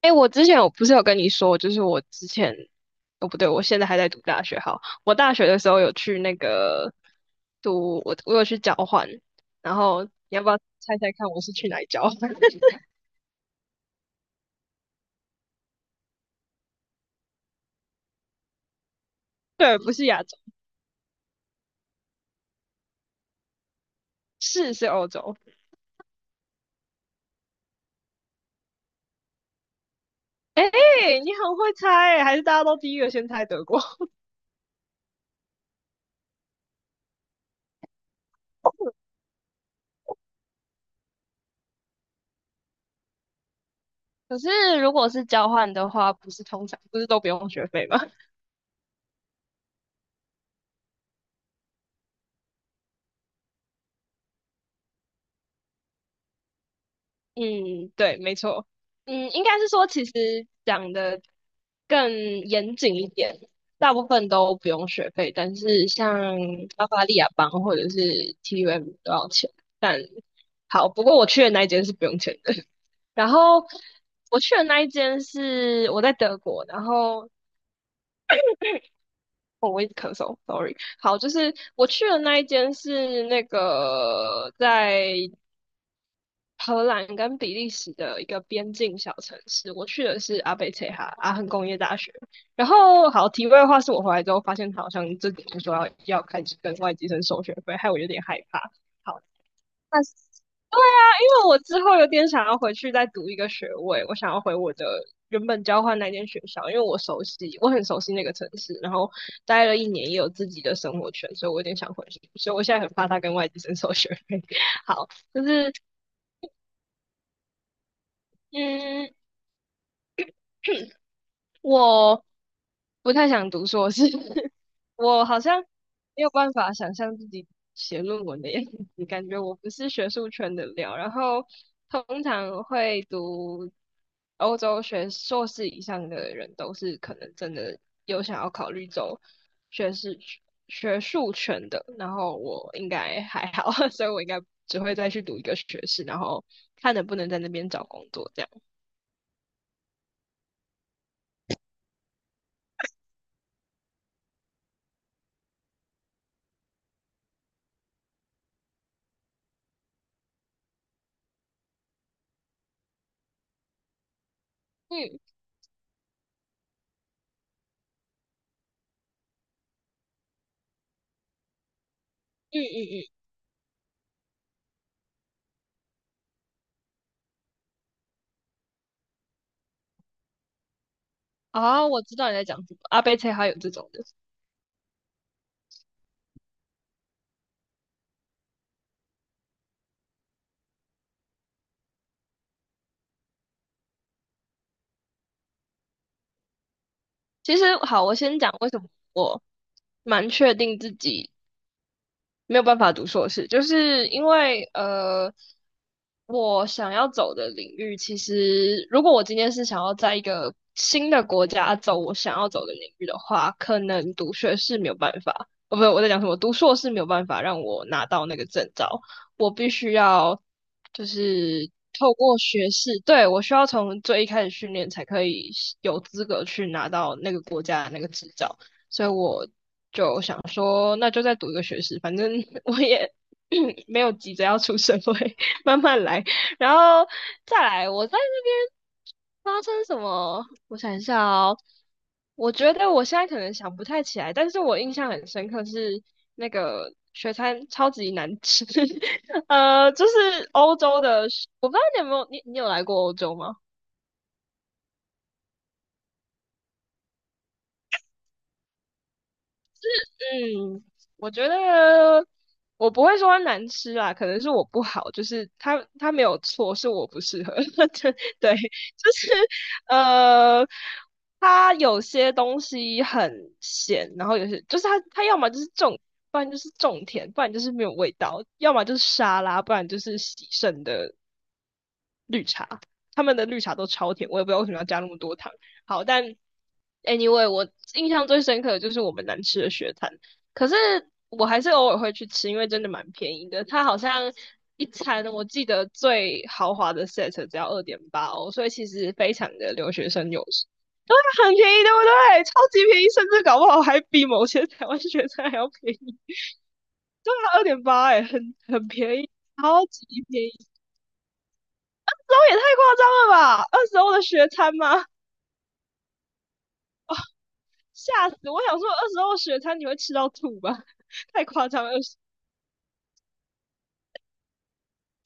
哎，我之前不是有跟你说，就是我之前哦不对，我现在还在读大学。哈。我大学的时候有去那个读，我有去交换，然后你要不要猜猜看我是去哪里交换？对，不是亚洲，是欧洲。哎，你很会猜欸还是大家都第一个先猜德国？可是如果是交换的话，不是通常不是都不用学费吗？嗯，对，没错。嗯，应该是说，其实讲的更严谨一点，大部分都不用学费，但是像巴伐利亚邦或者是 TUM 都要钱。但好，不过我去的那一间是不用钱的。然后我去的那一间是我在德国，然后哦，我一直咳嗽，sorry。好，就是我去的那一间是那个在荷兰跟比利时的一个边境小城市，我去的是阿贝切哈阿亨工业大学。然后，好，题外话是我回来之后发现，他好像这几天说要开始跟外籍生收学费，害我有点害怕。好，但是但因为我之后有点想要回去再读一个学位，我想要回我的原本交换那间学校，因为我熟悉，我很熟悉那个城市，然后待了一年也有自己的生活圈，所以我有点想回去，所以我现在很怕他跟外籍生收学费。好，就是嗯。我不太想读硕士，我好像没有办法想象自己写论文的样子，感觉我不是学术圈的料。然后通常会读欧洲学硕士以上的人，都是可能真的有想要考虑走学士学术圈的。然后我应该还好，所以我应该只会再去读一个学士，然后看能不能在那边找工作这样。嗯嗯嗯嗯。啊，我知道你在讲什么，阿贝车还有这种的。其实好，我先讲为什么我蛮确定自己没有办法读硕士，就是因为我想要走的领域，其实如果我今天是想要在一个新的国家走我想要走的领域的话，可能读学士没有办法，哦，不，我在讲什么？读硕士没有办法让我拿到那个证照，我必须要就是透过学士，对，我需要从最一开始训练才可以有资格去拿到那个国家的那个执照。所以我就想说，那就再读一个学士，反正 我也 没有急着要出社会，慢慢来。然后再来，我在那边发生什么？我想一下哦，我觉得我现在可能想不太起来，但是我印象很深刻是那个学餐超级难吃，就是欧洲的我不知道你有没有，你有来过欧洲吗？嗯，我觉得我不会说它难吃啦，可能是我不好，就是它没有错，是我不适合。对对就是呃，它有些东西很咸，然后有些就是它要么就是重，不然就是重甜，不然就是没有味道，要么就是沙拉，不然就是喜剩的他们的绿茶都超甜，我也不知道为什么要加那么多糖。好，但 anyway，我印象最深刻的就是我们难吃的雪摊，可是我还是偶尔会去吃，因为真的蛮便宜的。它好像一餐我记得最豪华的 set 只要2.8哦，所以其实非常的留学生友善，它很便宜，对不对？超级便宜，甚至搞不好还比某些台湾学生还要便宜。对啊，二点八哎，很很便宜。超级便宜，这也太夸张了吧？二十欧的学餐吗？吓死！我想说，二十欧雪餐你会吃到吐吧？太夸张了。二十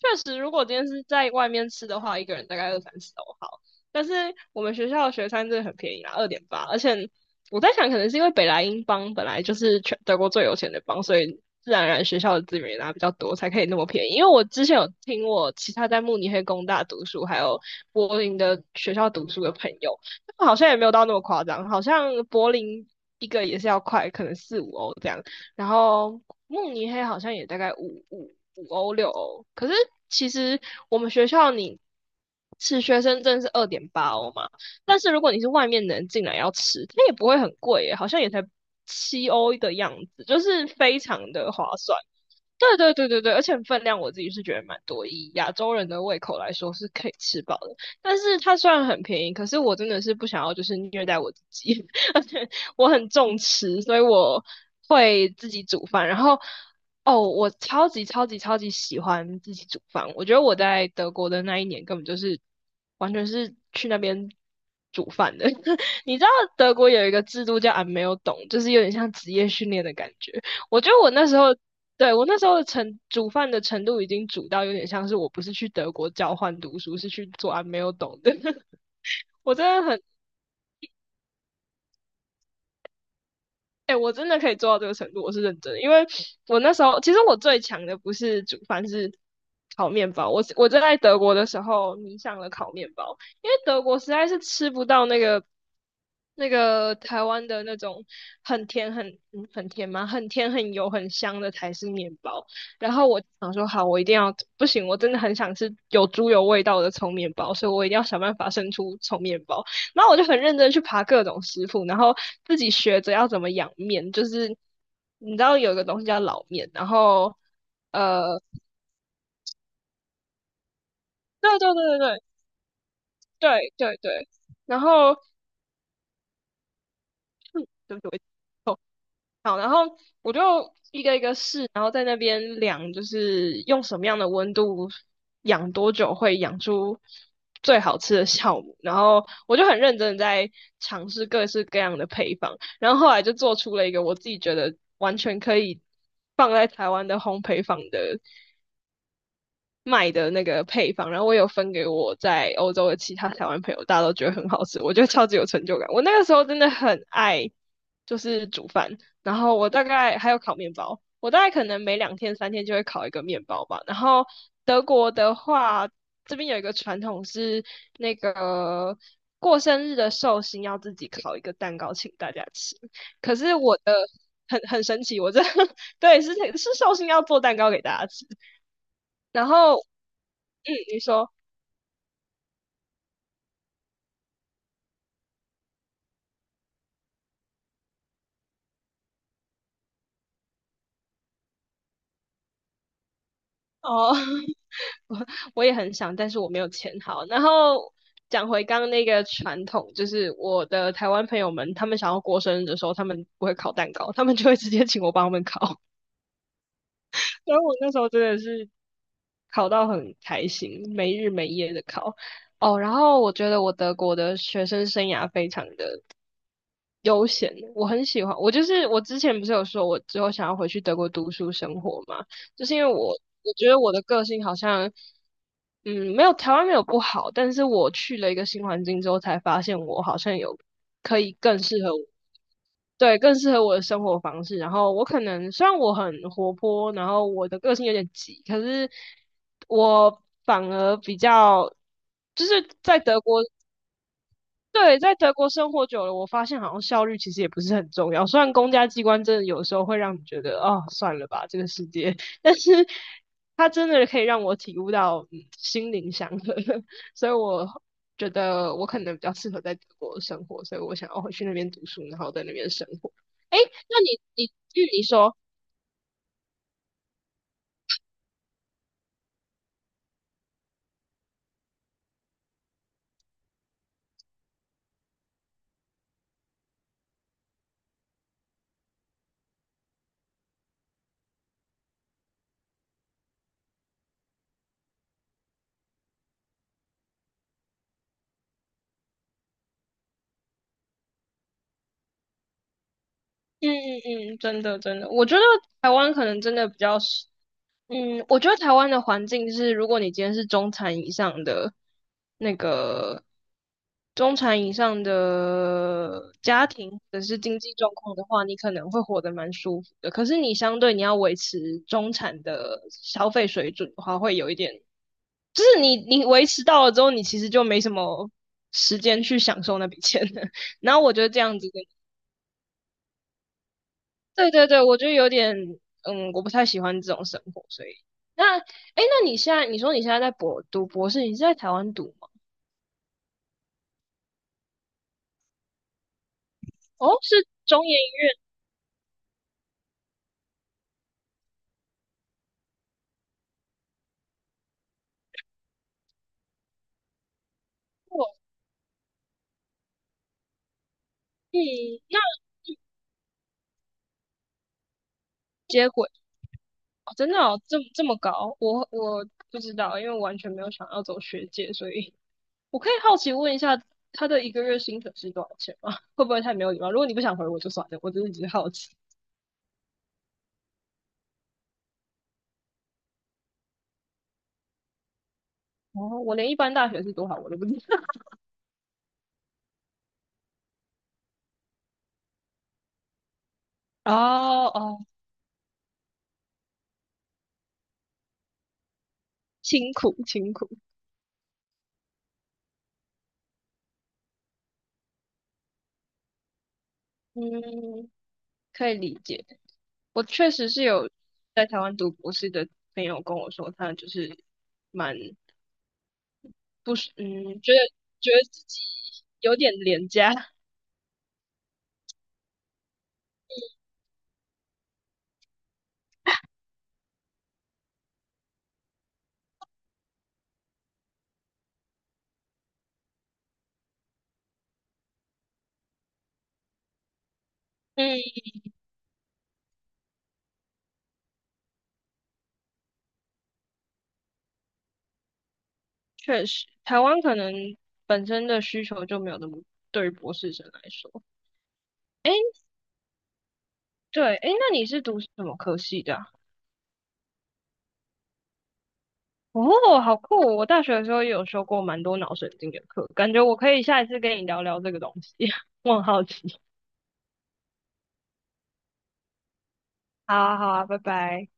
确实，如果今天是在外面吃的话，一个人大概二三十欧好。但是我们学校的学餐真的很便宜啦，二点八。而且我在想，可能是因为北莱茵邦本来就是全德国最有钱的邦，所以自然而然学校的资源也拿比较多，才可以那么便宜。因为我之前有听我其他在慕尼黑工大读书，还有柏林的学校读书的朋友，他们好像也没有到那么夸张，好像柏林一个也是要快，可能4、5欧这样。然后慕尼黑好像也大概五五五欧六欧，可是其实我们学校你吃学生证是2.8欧嘛，但是如果你是外面的人进来要吃，它也不会很贵耶好像也才7欧的样子，就是非常的划算。对对对对对，而且分量我自己是觉得蛮多，以亚洲人的胃口来说是可以吃饱的。但是它虽然很便宜，可是我真的是不想要就是虐待我自己。我很重吃，所以我会自己煮饭。然后，哦，我超级超级超级喜欢自己煮饭。我觉得我在德国的那一年根本就是完全是去那边煮饭的。你知道德国有一个制度叫 a 没有懂，就是有点像职业训练的感觉。我觉得我那时候。对，我那时候的煮饭的程度已经煮到有点像是我不是去德国交换读书，是去做 a 没有懂的。我真的很哎、我真的可以做到这个程度，我是认真的。因为我那时候，其实我最强的不是煮饭，是烤面包。我就在德国的时候迷上了烤面包，因为德国实在是吃不到那个那个台湾的那种很甜很很甜吗？很甜很油很香的台式面包。然后我想说，好，我一定要不行，我真的很想吃有猪油味道的葱面包，所以我一定要想办法生出葱面包。然后我就很认真去爬各种师傅，然后自己学着要怎么养面，就是你知道有一个东西叫老面，然后呃，对对对对对对对对，然后嗯，对不起，我好，然后我就一个一个试，然后在那边量，就是用什么样的温度养多久会养出最好吃的酵母。然后我就很认真的在尝试各式各样的配方，然后后来就做出了一个我自己觉得完全可以放在台湾的烘焙坊的卖的那个配方，然后我有分给我在欧洲的其他台湾朋友，大家都觉得很好吃，我觉得超级有成就感。我那个时候真的很爱，就是煮饭，然后我大概还有烤面包，我大概可能每两天三天就会烤一个面包吧。然后德国的话，这边有一个传统是那个。过生日的寿星要自己烤一个蛋糕请大家吃，可是我的很很神奇，我这 对是寿星要做蛋糕给大家吃，然后嗯，你说哦，我我也很想，但是我没有钱。好，然后讲回刚刚那个传统，就是我的台湾朋友们，他们想要过生日的时候，他们不会烤蛋糕，他们就会直接请我帮他们烤。所以我那时候真的是烤到很开心，没日没夜的烤。哦，然后我觉得我德国的学生生涯非常的悠闲，我很喜欢。我就是我之前不是有说，我之后想要回去德国读书生活嘛，就是因为我觉得我的个性好像，没有台湾没有不好，但是我去了一个新环境之后，才发现我好像有可以更适合我，对，更适合我的生活方式。然后我可能虽然我很活泼，然后我的个性有点急，可是我反而比较就是在德国。对，在德国生活久了，我发现好像效率其实也不是很重要。虽然公家机关真的有时候会让你觉得哦，算了吧，这个世界，但是它真的可以让我体悟到、心灵祥和，所以我觉得我可能比较适合在德国生活，所以我想要回去那边读书，然后在那边生活。诶，那你据你说，嗯嗯嗯，真的真的，我觉得台湾可能真的比较适嗯，我觉得台湾的环境是，如果你今天是那个中产以上的家庭或者是经济状况的话，你可能会活得蛮舒服的。可是你相对你要维持中产的消费水准的话，会有一点，就是你维持到了之后，你其实就没什么时间去享受那笔钱了。然后我觉得这样子的。对对对，我就有点，我不太喜欢这种生活，所以那，哎，那你现在在读博士，你是在台湾读吗？哦，是中研院，嗯，那接轨哦真的哦，这么这么高，我不知道，因为我完全没有想要走学界，所以我可以好奇问一下，他的一个月薪水是多少钱吗？会不会太没有礼貌？如果你不想回我就算了，我真的只是好奇。哦，我连一般大学是多少我都不知道。哦哦，辛苦辛苦，嗯，可以理解。我确实是有在台湾读博士的朋友跟我说，他就是蛮不是，嗯，觉得觉得自己有点廉价。嗯，确实，台湾可能本身的需求就没有那么对于博士生来说。诶，对，诶，那你是读什么科系的啊？哦，好酷哦。我大学的时候也有修过蛮多脑神经的课，感觉我可以下一次跟你聊聊这个东西，我很好奇。好啊，好啊，拜拜。